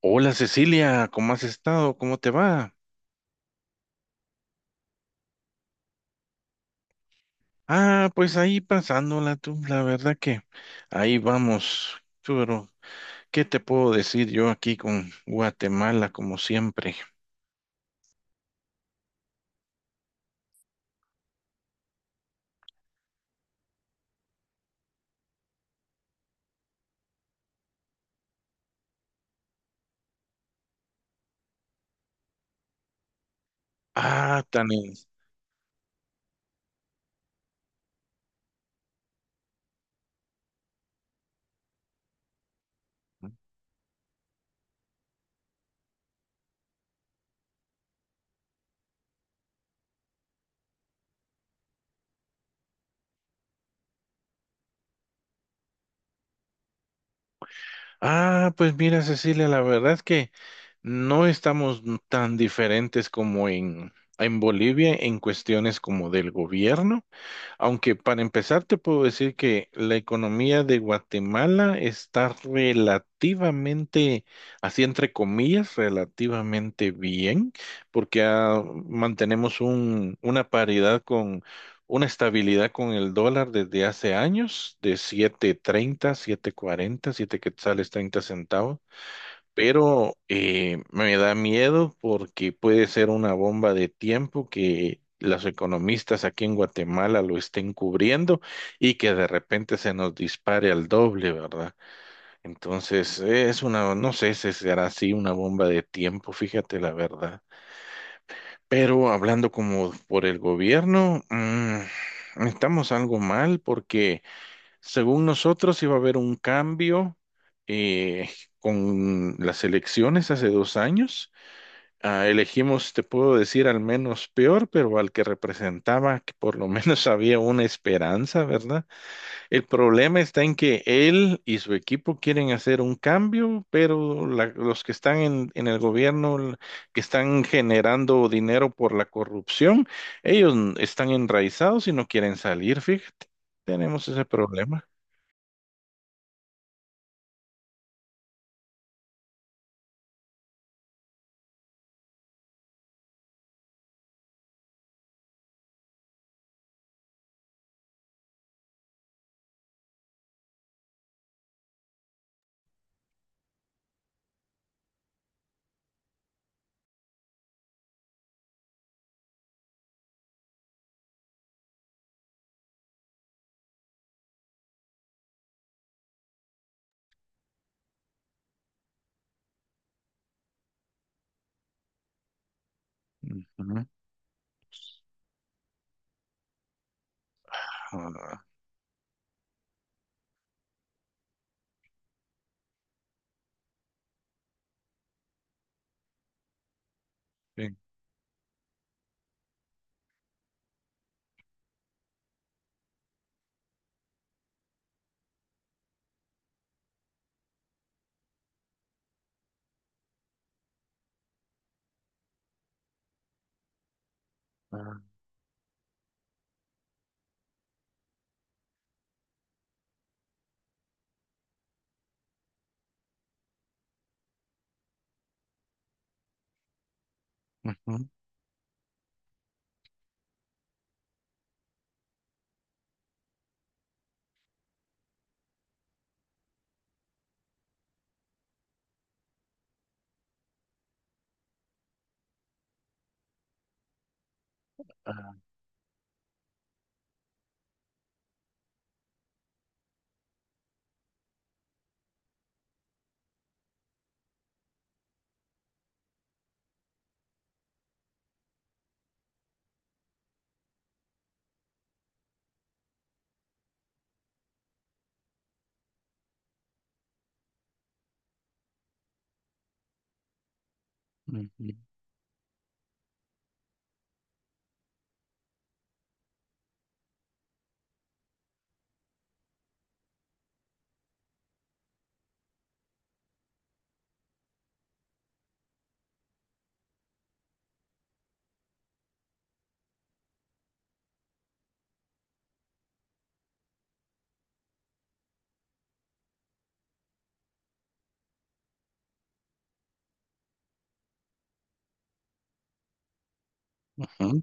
Hola Cecilia, ¿cómo has estado? ¿Cómo te va? Ah, pues ahí pasándola tú, la verdad que ahí vamos. Tú, pero, ¿qué te puedo decir yo aquí con Guatemala como siempre? Ah, tan... en- Ah, pues mira, Cecilia, la verdad es que no estamos tan diferentes como en Bolivia en cuestiones como del gobierno. Aunque para empezar te puedo decir que la economía de Guatemala está relativamente, así entre comillas, relativamente bien, porque mantenemos una paridad con una estabilidad con el dólar desde hace años, de siete treinta, siete cuarenta, siete quetzales 30 centavos, pero me da miedo porque puede ser una bomba de tiempo que los economistas aquí en Guatemala lo estén cubriendo y que de repente se nos dispare al doble, ¿verdad? Entonces, es una, no sé si será así una bomba de tiempo, fíjate la verdad. Pero hablando como por el gobierno, estamos algo mal porque... Según nosotros iba a haber un cambio eh, con las elecciones hace 2 años. Ah, elegimos, te puedo decir, al menos peor, pero al que representaba, que por lo menos había una esperanza, ¿verdad? El problema está en que él y su equipo quieren hacer un cambio, pero los que están en el gobierno, que están generando dinero por la corrupción, ellos están enraizados y no quieren salir, fíjate. Tenemos ese problema. Ujú. Ah, sí. Ah, ujú. Ah, ujú, ujú.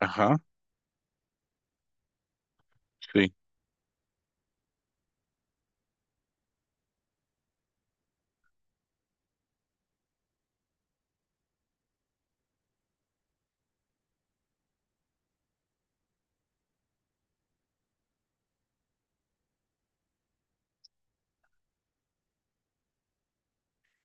Ajá, sí.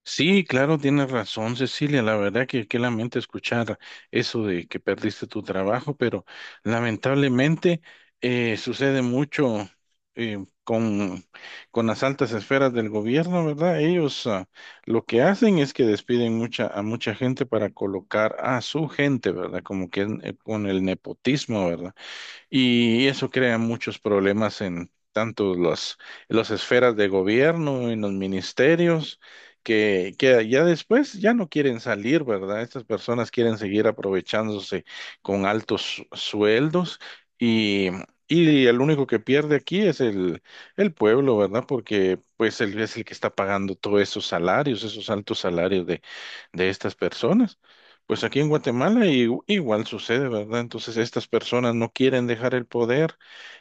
Sí, claro, tienes razón, Cecilia. La verdad que qué lamento escuchar eso de que perdiste tu trabajo, pero lamentablemente sucede mucho eh, con, con las altas esferas del gobierno, ¿verdad? Ellos, lo que hacen es que despiden mucha, a mucha gente para colocar a su gente, ¿verdad? Como que con el nepotismo, ¿verdad? Y eso crea muchos problemas en tanto las esferas de gobierno, en los ministerios, que ya después ya no quieren salir, ¿verdad? Estas personas quieren seguir aprovechándose con altos sueldos y, y el único que pierde aquí es el pueblo, ¿verdad? Porque pues él es el que está pagando todos esos salarios, esos altos salarios de estas personas. Pues aquí en Guatemala igual sucede, ¿verdad? Entonces estas personas no quieren dejar el poder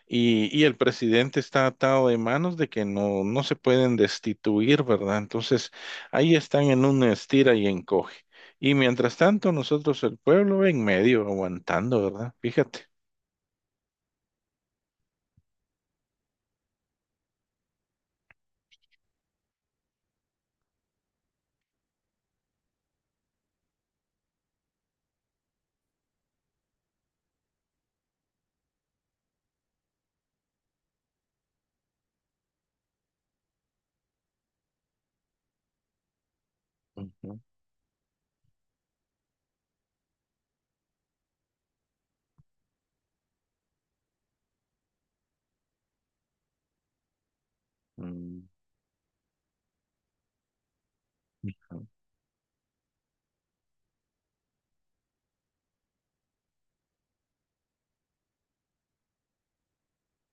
y el presidente está atado de manos de que no, no se pueden destituir, ¿verdad? Entonces ahí están en un estira y encoge. Y mientras tanto, nosotros el pueblo en medio aguantando, ¿verdad? Fíjate. Ujú. Mm.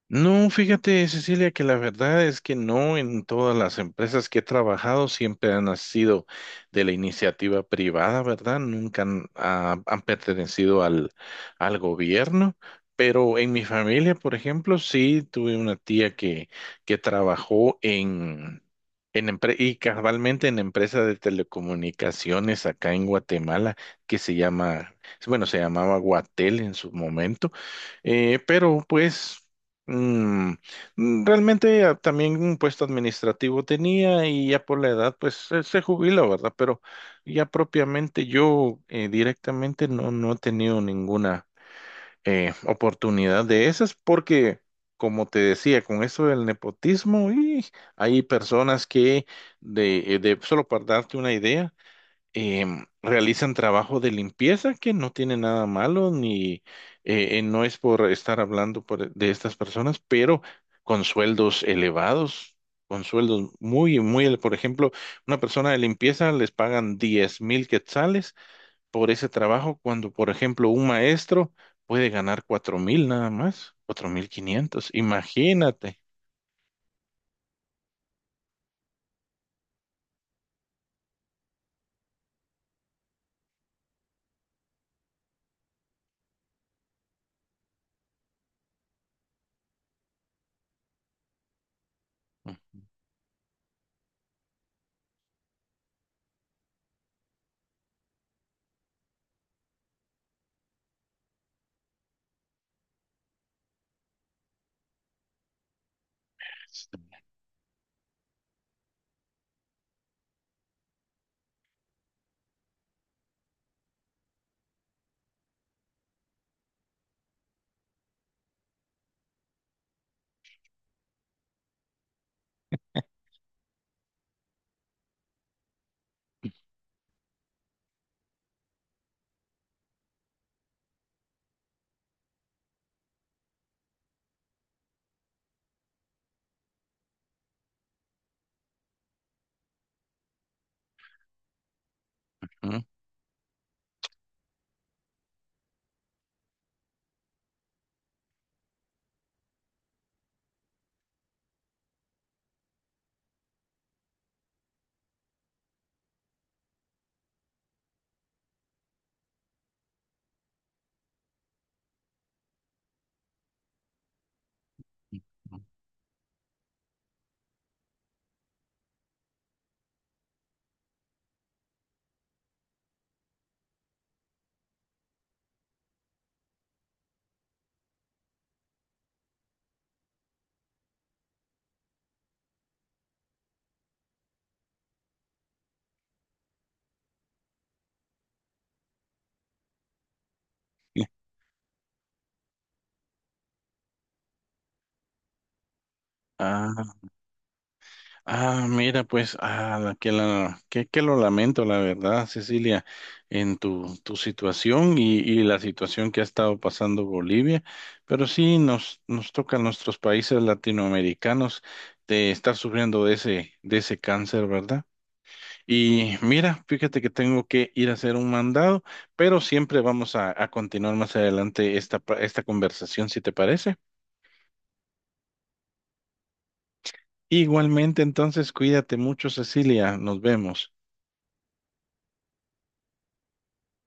No, fíjate, Cecilia, que la verdad es que no en todas las empresas que he trabajado siempre han sido de la iniciativa privada, ¿verdad? Nunca han pertenecido al gobierno, pero en mi familia, por ejemplo, sí tuve una tía que trabajó en y cabalmente en empresa de telecomunicaciones acá en Guatemala que se llama, bueno, se llamaba Guatel en su momento. Pero pues Mm, realmente también un puesto administrativo tenía y ya por la edad pues se jubila, ¿verdad? Pero ya propiamente yo directamente no, no he tenido ninguna oportunidad de esas porque, como te decía, con eso del nepotismo, y hay personas que, solo para darte una idea, realizan trabajo de limpieza que no tiene nada malo, ni no es por estar hablando de estas personas, pero con sueldos elevados, con sueldos muy, muy, por ejemplo, una persona de limpieza les pagan 10.000 quetzales por ese trabajo, cuando, por ejemplo, un maestro puede ganar 4.000 nada más, 4.500, imagínate. Ujú, ujú. Ah, Ah, mira, pues, que lo lamento, la verdad, Cecilia, en tu situación y la situación que ha estado pasando Bolivia, pero sí nos toca a nuestros países latinoamericanos de estar sufriendo de ese cáncer, ¿verdad? Y mira, fíjate que tengo que ir a hacer un mandado, pero siempre vamos a continuar más adelante esta conversación, si te parece. Igualmente, entonces, cuídate mucho, Cecilia, nos vemos.